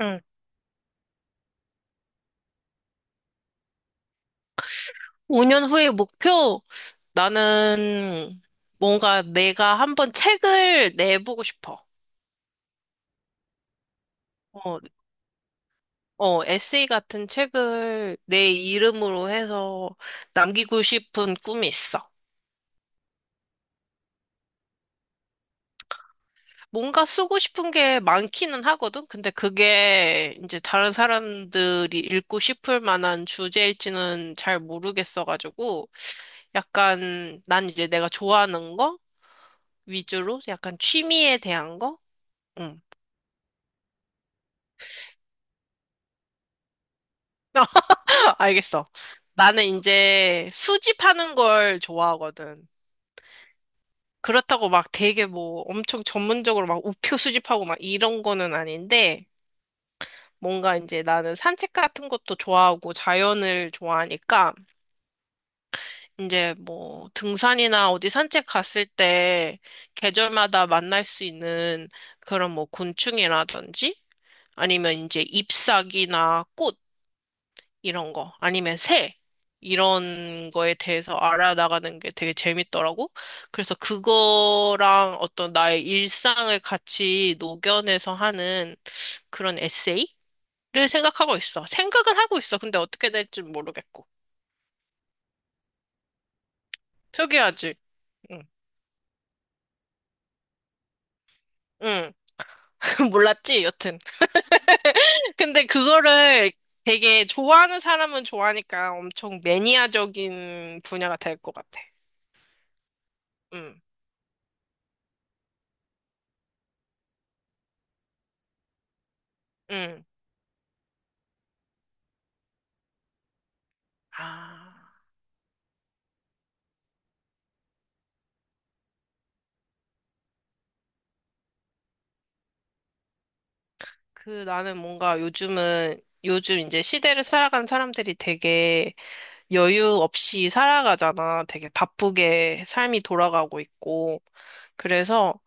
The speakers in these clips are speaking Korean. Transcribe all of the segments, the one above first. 응. 5년 후의 목표? 나는 뭔가 내가 한번 책을 내보고 싶어. 어, 에세이 같은 책을 내 이름으로 해서 남기고 싶은 꿈이 있어. 뭔가 쓰고 싶은 게 많기는 하거든? 근데 그게 이제 다른 사람들이 읽고 싶을 만한 주제일지는 잘 모르겠어가지고, 약간 난 이제 내가 좋아하는 거 위주로 약간 취미에 대한 거? 응. 알겠어. 나는 이제 수집하는 걸 좋아하거든. 그렇다고 막 되게 뭐 엄청 전문적으로 막 우표 수집하고 막 이런 거는 아닌데, 뭔가 이제 나는 산책 같은 것도 좋아하고 자연을 좋아하니까, 이제 뭐 등산이나 어디 산책 갔을 때 계절마다 만날 수 있는 그런 뭐 곤충이라든지, 아니면 이제 잎사귀나 꽃, 이런 거 아니면 새 이런 거에 대해서 알아나가는 게 되게 재밌더라고. 그래서 그거랑 어떤 나의 일상을 같이 녹여내서 하는 그런 에세이를 생각하고 있어. 생각은 하고 있어. 근데 어떻게 될지 모르겠고. 특이하지. 응. 응. 몰랐지, 여튼. 근데 그거를 되게 좋아하는 사람은 좋아하니까 엄청 매니아적인 분야가 될 것 같아. 응. 응. 아. 그 나는 뭔가 요즘 이제 시대를 살아가는 사람들이 되게 여유 없이 살아가잖아. 되게 바쁘게 삶이 돌아가고 있고. 그래서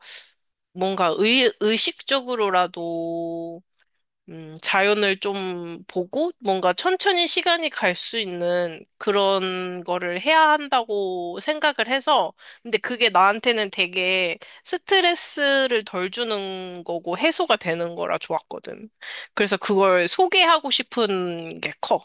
뭔가 의식적으로라도 자연을 좀 보고 뭔가 천천히 시간이 갈 수 있는 그런 거를 해야 한다고 생각을 해서. 근데 그게 나한테는 되게 스트레스를 덜 주는 거고 해소가 되는 거라 좋았거든. 그래서 그걸 소개하고 싶은 게 커.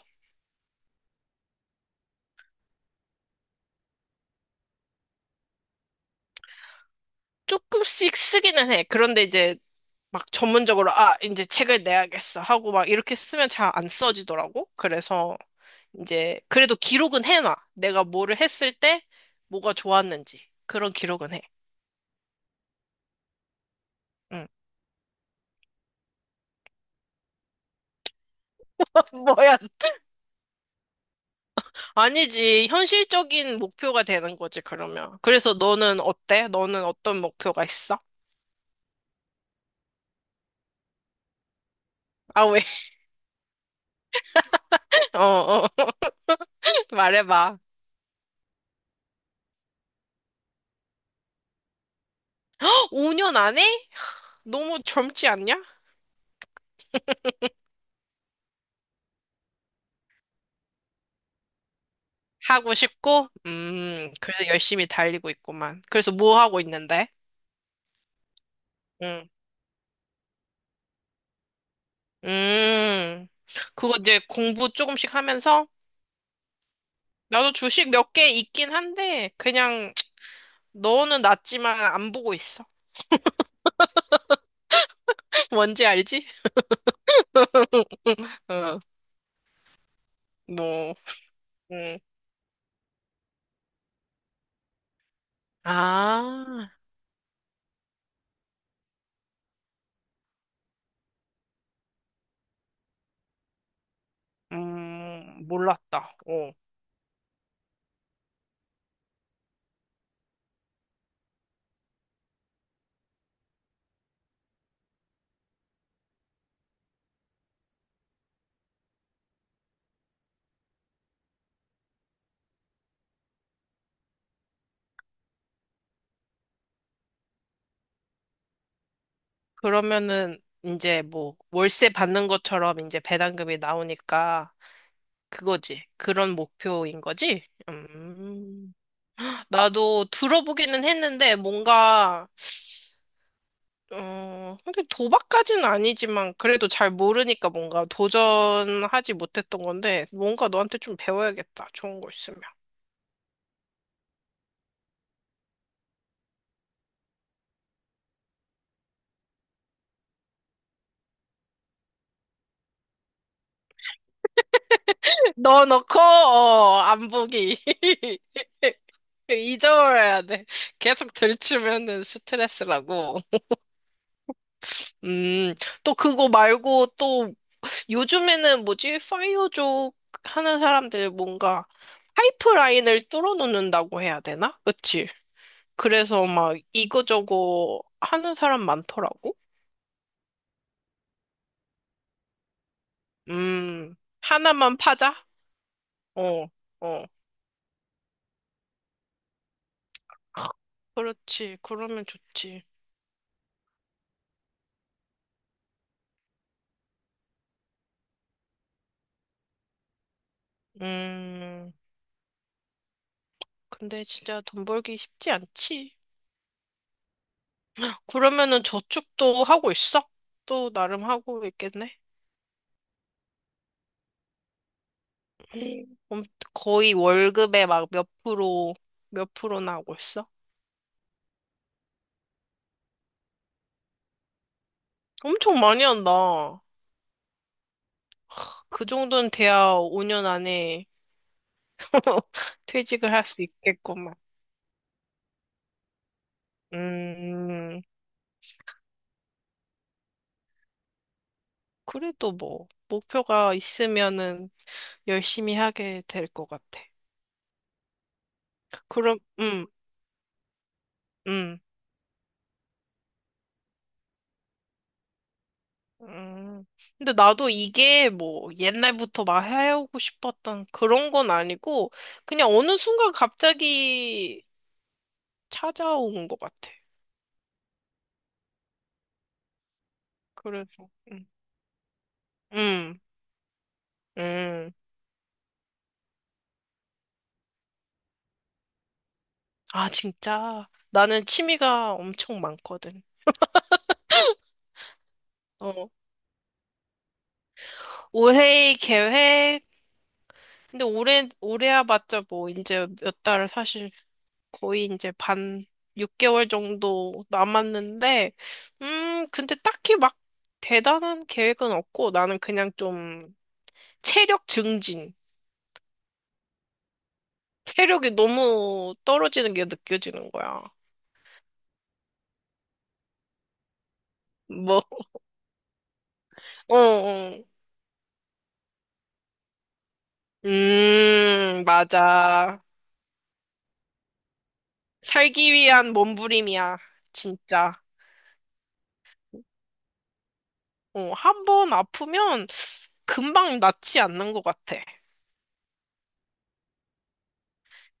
조금씩 쓰기는 해. 그런데 이제 막 전문적으로 아 이제 책을 내야겠어 하고 막 이렇게 쓰면 잘 안 써지더라고. 그래서 이제 그래도 기록은 해놔. 내가 뭐를 했을 때 뭐가 좋았는지 그런 기록은 해. 응. 뭐야? 아니지 현실적인 목표가 되는 거지 그러면. 그래서 너는 어때? 너는 어떤 목표가 있어? 아 왜? 어. 말해봐. 5년 안에? 너무 젊지 않냐? 하고 싶고, 그래서 열심히 달리고 있구만. 그래서 뭐 하고 있는데? 응. 음, 그거 이제 공부 조금씩 하면서, 나도 주식 몇 개 있긴 한데, 그냥, 너는 낮지만 안 보고 있어. 뭔지 알지? 어, 뭐, 음. 아, 몰랐다. 어. 그러면은, 이제 뭐, 월세 받는 것처럼 이제 배당금이 나오니까, 그거지. 그런 목표인 거지? 음. 나도 들어보기는 했는데, 뭔가, 어, 하긴 도박까지는 아니지만 그래도 잘 모르니까 뭔가 도전하지 못했던 건데 뭔가 너한테 좀 배워야겠다. 좋은 거 있으면. 넣어놓고 어, 안 보기. 잊어버려야 돼. 계속 들추면은 스트레스라고. 음, 또 그거 말고 또 요즘에는 뭐지? 파이어족 하는 사람들 뭔가 파이프라인을 뚫어놓는다고 해야 되나? 그치? 그래서 막 이거저거 하는 사람 많더라고. 음, 하나만 파자? 어, 어. 그렇지. 그러면 좋지. 음, 근데 진짜 돈 벌기 쉽지 않지. 그러면은 저축도 하고 있어? 또 나름 하고 있겠네. 음, 엄- 거의 월급의 막 몇 프로, 몇 프로나 하고 있어? 엄청 많이 한다. 그 정도는 돼야 5년 안에 퇴직을 할 수 있겠구만. 음, 그래도 뭐, 목표가 있으면은 열심히 하게 될 것 같아. 그럼, 음, 음. 근데 나도 이게 뭐, 옛날부터 막 해오고 싶었던 그런 건 아니고, 그냥 어느 순간 갑자기 찾아온 것 같아. 그래서, 음, 음. 아, 진짜. 나는 취미가 엄청 많거든. 어, 올해 계획, 근데 올해야 봤자 뭐, 이제 몇 달을 사실 거의 이제 반, 6개월 정도 남았는데, 근데 딱히 막 대단한 계획은 없고, 나는 그냥 좀 체력 증진. 체력이 너무 떨어지는 게 느껴지는 거야. 뭐, 어, 어. 맞아. 살기 위한 몸부림이야. 진짜. 어, 한 번 아프면 금방 낫지 않는 것 같아.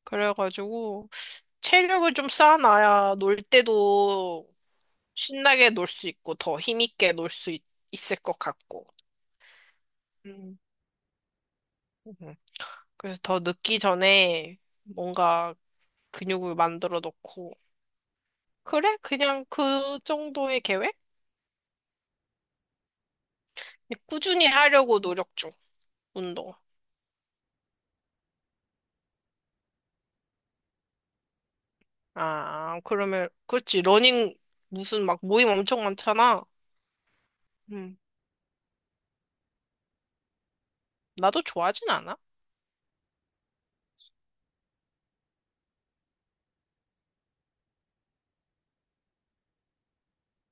그래가지고, 체력을 좀 쌓아놔야 놀 때도 신나게 놀 수 있고 더 힘있게 놀 수 있을 것 같고. 음. 음. 그래서 더 늦기 전에 뭔가 근육을 만들어 놓고. 그래? 그냥 그 정도의 계획? 꾸준히 하려고 노력 중, 운동. 아, 그러면, 그렇지. 러닝 무슨 막 모임 엄청 많잖아. 음, 나도 좋아하진 않아.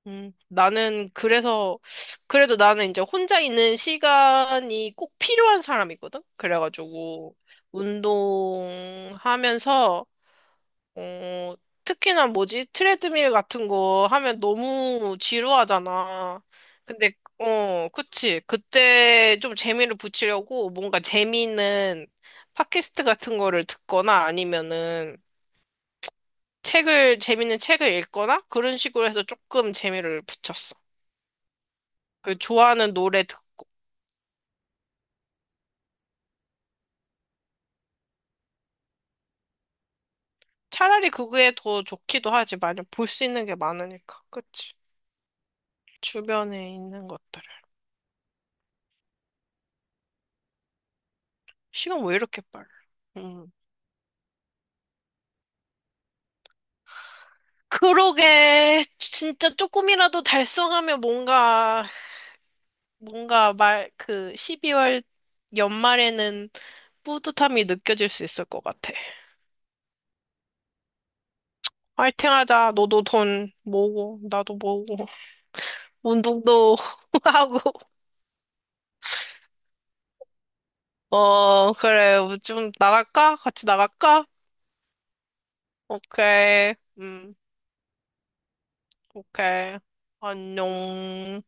나는 그래서 그래도 나는 이제 혼자 있는 시간이 꼭 필요한 사람이거든. 그래가지고 운동하면서 어, 특히나 뭐지? 트레드밀 같은 거 하면 너무 지루하잖아. 근데 어, 그치. 그때 좀 재미를 붙이려고 뭔가 재미있는 팟캐스트 같은 거를 듣거나 아니면은 책을 재밌는 책을 읽거나 그런 식으로 해서 조금 재미를 붙였어. 그 좋아하는 노래 듣 차라리 그게 더 좋기도 하지. 만약 볼 수 있는 게 많으니까. 그치? 주변에 있는 것들을. 시간 왜 이렇게 빨라? 음. 그러게. 진짜 조금이라도 달성하면 뭔가, 뭔가 말, 그 12월 연말에는 뿌듯함이 느껴질 수 있을 것 같아. 화이팅 하자. 너도 돈 모으고, 나도 모으고, 운동도 하고. 어, 그래. 좀 나갈까? 같이 나갈까? 오케이. 음, 오케이. 안녕.